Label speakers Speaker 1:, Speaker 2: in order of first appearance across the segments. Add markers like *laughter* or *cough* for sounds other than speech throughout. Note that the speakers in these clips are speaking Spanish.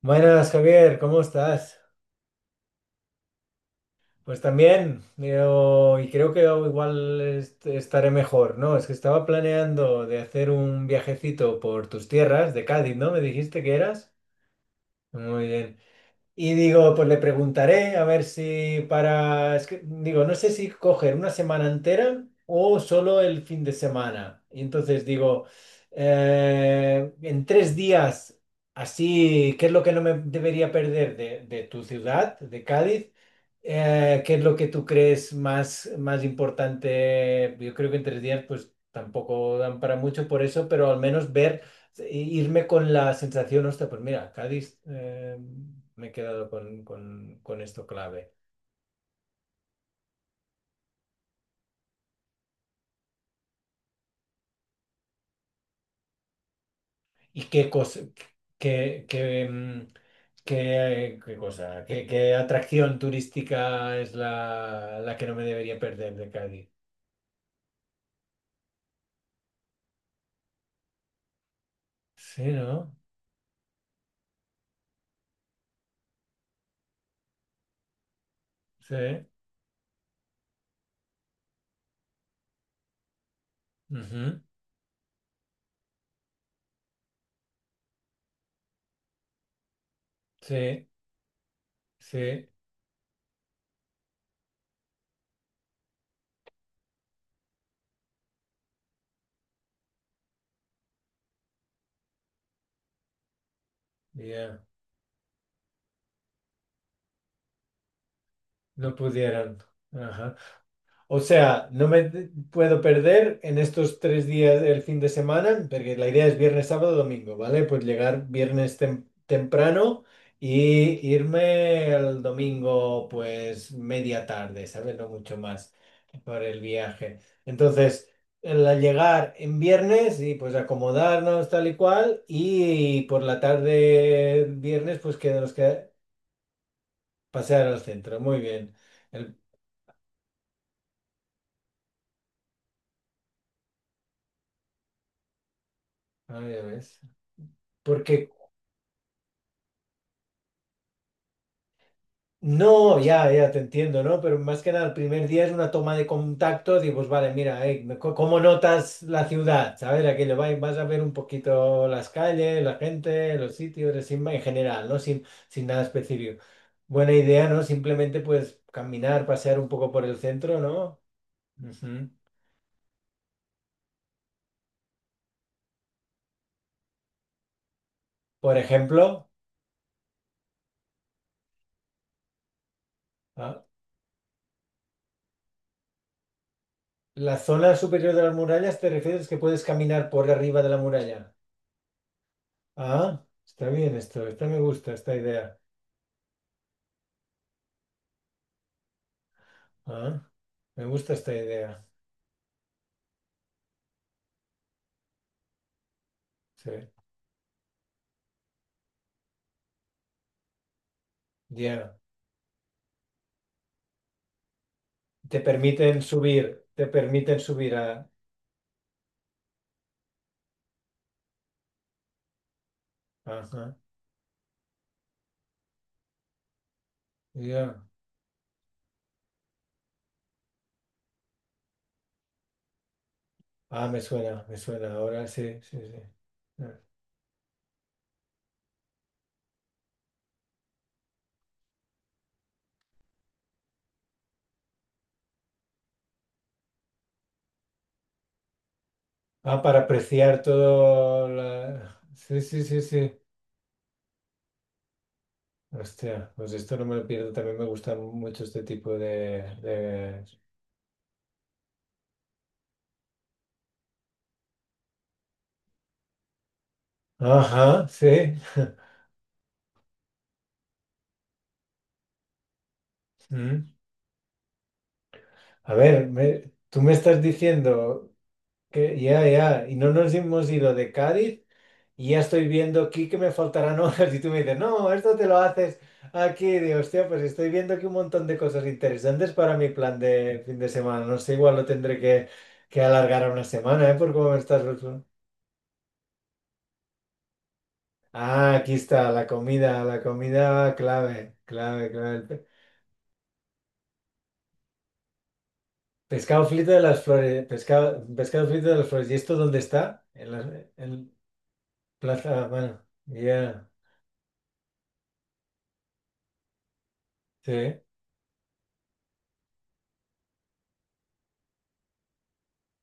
Speaker 1: Buenas, Javier, ¿cómo estás? Pues también, y creo que oh, igual estaré mejor, ¿no? Es que estaba planeando de hacer un viajecito por tus tierras de Cádiz, ¿no? ¿Me dijiste que eras? Muy bien. Y digo, pues le preguntaré a ver si para, es que, digo, no sé si coger una semana entera o solo el fin de semana. Y entonces digo, en tres días, así, ¿qué es lo que no me debería perder de tu ciudad, de Cádiz? ¿Qué es lo que tú crees más importante? Yo creo que en tres días, pues tampoco dan para mucho por eso, pero al menos ver. Sí, irme con la sensación, hostia, pues mira, Cádiz, me he quedado con esto clave. ¿Y qué cosa, qué, qué, mm, qué cosa, qué atracción turística es la que no me debería perder de Cádiz? Sí, ¿no? Sí, ujú. Sí, sí, ya. No pudieron. Ajá. O sea, no puedo perder en estos tres días del fin de semana, porque la idea es viernes, sábado, domingo, ¿vale? Pues llegar viernes temprano y irme el domingo, pues media tarde, ¿sabes? No mucho más por el viaje. Entonces, el al llegar en viernes y pues acomodarnos tal y cual, y por la tarde viernes, pues que nos queda pasear al centro. Muy bien. El, ah, ya ves. Porque no, ya, ya te entiendo, ¿no? Pero más que nada, el primer día es una toma de contacto, digo, pues vale, mira, ¿cómo notas la ciudad? ¿Sabes? Aquello, vas a ver un poquito las calles, la gente, los sitios, así, en general, ¿no? Sin nada específico. Buena idea, ¿no? Simplemente, pues, caminar, pasear un poco por el centro, ¿no? Ujú. Por ejemplo, ah, la zona superior de las murallas, ¿te refieres que puedes caminar por arriba de la muralla? Ah, está bien esto, esta me gusta, esta idea. Ah, me gusta esta idea. Sí, ya. Te permiten subir a... Ajá, ya. Ah, me suena, me suena. Ahora sí, sí, sí. Ah, para apreciar todo la... Sí, sí, sí, sí. Hostia, pues esto no me lo pierdo. También me gusta mucho este tipo Ajá, sí. *laughs* Mm. A ver, tú me estás diciendo... Que ya, ya, y no nos hemos ido de Cádiz y ya estoy viendo aquí que me faltarán *laughs* horas y tú me dices, no, esto te lo haces aquí. Y digo, hostia, pues estoy viendo aquí un montón de cosas interesantes para mi plan de fin de semana, no sé, igual lo tendré que alargar a una semana, ¿eh? Por cómo me estás... Ah, aquí está, la comida clave, clave, clave. Pescado frito de las flores, pescado, pescado frito de las flores, ¿y esto dónde está? En la en. Plaza, bueno, ya. Sí,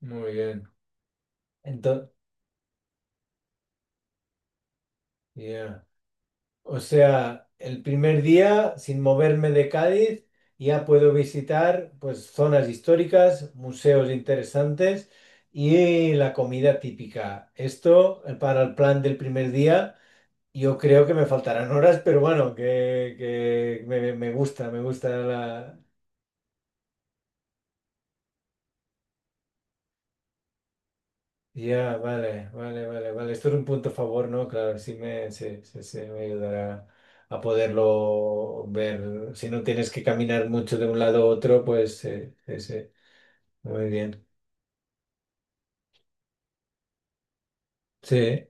Speaker 1: muy bien. Entonces, o sea, el primer día, sin moverme de Cádiz, ya puedo visitar pues zonas históricas, museos interesantes y la comida típica. Esto para el plan del primer día, yo creo que me faltarán horas, pero bueno, que me gusta Ya, vale, vale, vale, vale. Esto es un punto a favor, ¿no? Claro, sí, sí, sí, me ayudará a poderlo ver. Si no tienes que caminar mucho de un lado a otro, pues sí, sí, sí. Muy bien. Sí,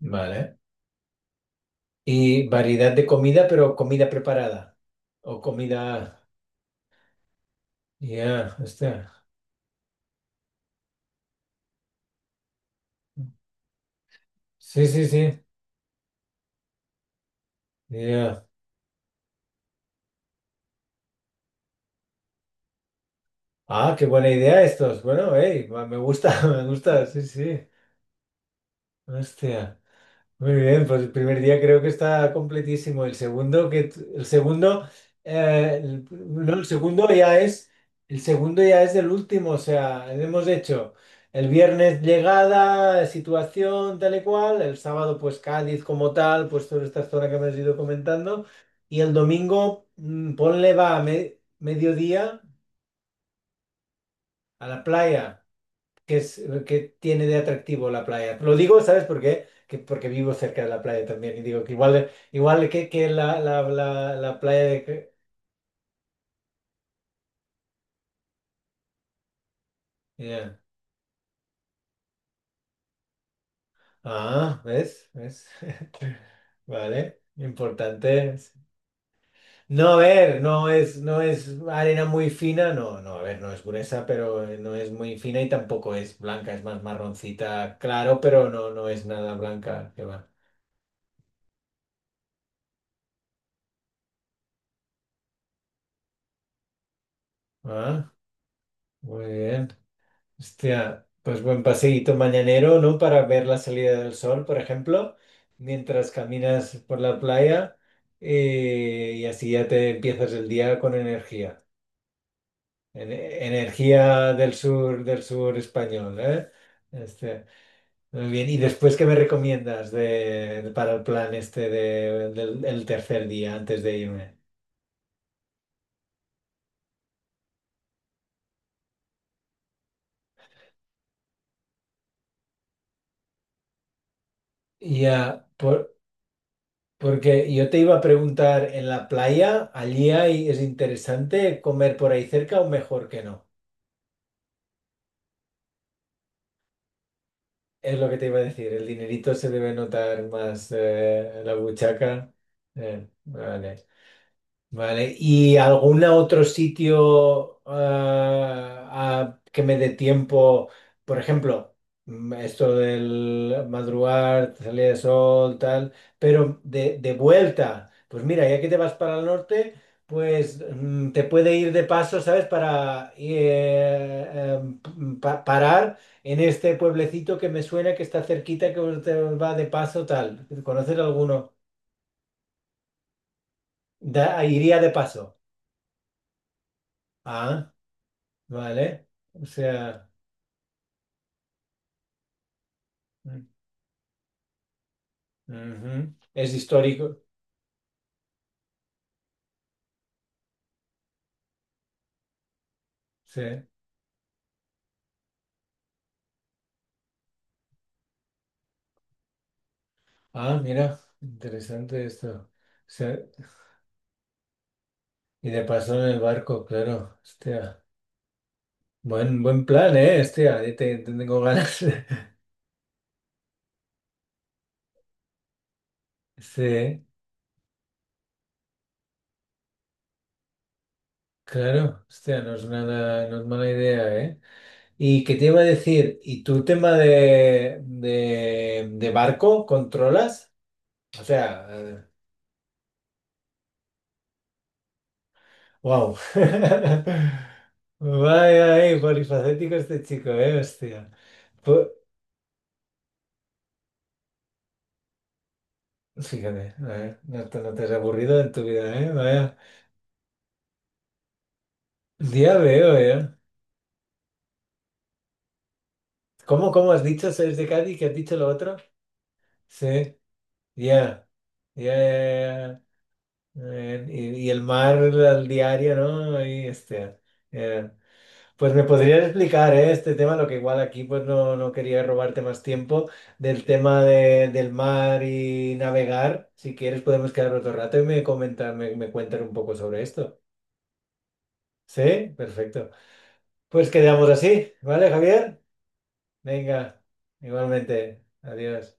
Speaker 1: vale. Y variedad de comida, pero comida preparada. O comida. Ya, está. Sí, sí, sí. Ya. Ah, qué buena idea estos. Bueno, hey, me gusta, *laughs* me gusta, sí, sí. Hostia. Muy bien, pues el primer día creo que está completísimo. El segundo, el segundo, no, el segundo ya es, el segundo ya es del último, o sea, hemos hecho el viernes llegada, situación tal y cual, el sábado pues Cádiz como tal, pues toda esta zona que me has ido comentando, y el domingo, mm, ponle va a mediodía a la playa. Que es lo que tiene de atractivo la playa? Lo digo, ¿sabes por qué? Que porque vivo cerca de la playa también y digo que igual, igual que la playa Ya. Ah, ¿ves? ¿Ves? *laughs* Vale, importante. No, a ver, no es arena muy fina, no, no, a ver, no es gruesa, pero no es muy fina y tampoco es blanca, es más marroncita, claro, pero no, no es nada blanca, que va. Ah, muy bien. Hostia, pues buen paseíto mañanero, ¿no? Para ver la salida del sol, por ejemplo, mientras caminas por la playa y así ya te empiezas el día con energía. Energía del sur español, ¿eh? Este, muy bien. ¿Y después qué me recomiendas para el plan este del el tercer día antes de irme? Ya, Porque yo te iba a preguntar, ¿en la playa allí hay, es interesante comer por ahí cerca o mejor que no? Es lo que te iba a decir, el dinerito se debe notar más en la buchaca. Vale. Vale, ¿y algún otro sitio que me dé tiempo? Por ejemplo, mm, esto del madrugar, salida de sol, tal, pero de vuelta, pues mira, ya que te vas para el norte, pues mm, te puede ir de paso, ¿sabes? Para parar en este pueblecito que me suena que está cerquita, que te va de paso, tal. ¿Conoces alguno? Iría de paso. Ah. Vale, o sea, mm, ujú. Es histórico, sí. Ah, mira, interesante esto. Sí. Y de paso en el barco, claro, hostia. Buen, buen plan, ¿eh? Hostia, ya te tengo ganas. *laughs* Sí, claro, hostia, no es nada, no es mala idea, ¿eh? ¿Y qué te iba a decir? ¿Y tu tema de barco controlas? O sea, wow. *laughs* Vaya, vaya, polifacético este chico, hostia. Pu- fíjate, a ver, no te has aburrido en tu vida, vaya. Ya veo, eh. ¿Cómo, cómo has dicho? ¿Sois de Cádiz? ¿Qué has dicho lo otro? Sí, ya. Ya, ya, ya. Y el mar al diario, ¿no? Y, este, hostia. Pues me podrías explicar, este tema, lo que igual aquí pues no, no quería robarte más tiempo, del tema del mar y navegar. Si quieres podemos quedar otro rato y me comentar, me cuentas un poco sobre esto. ¿Sí? Perfecto. Pues quedamos así, ¿vale, Javier? Venga, igualmente. Adiós.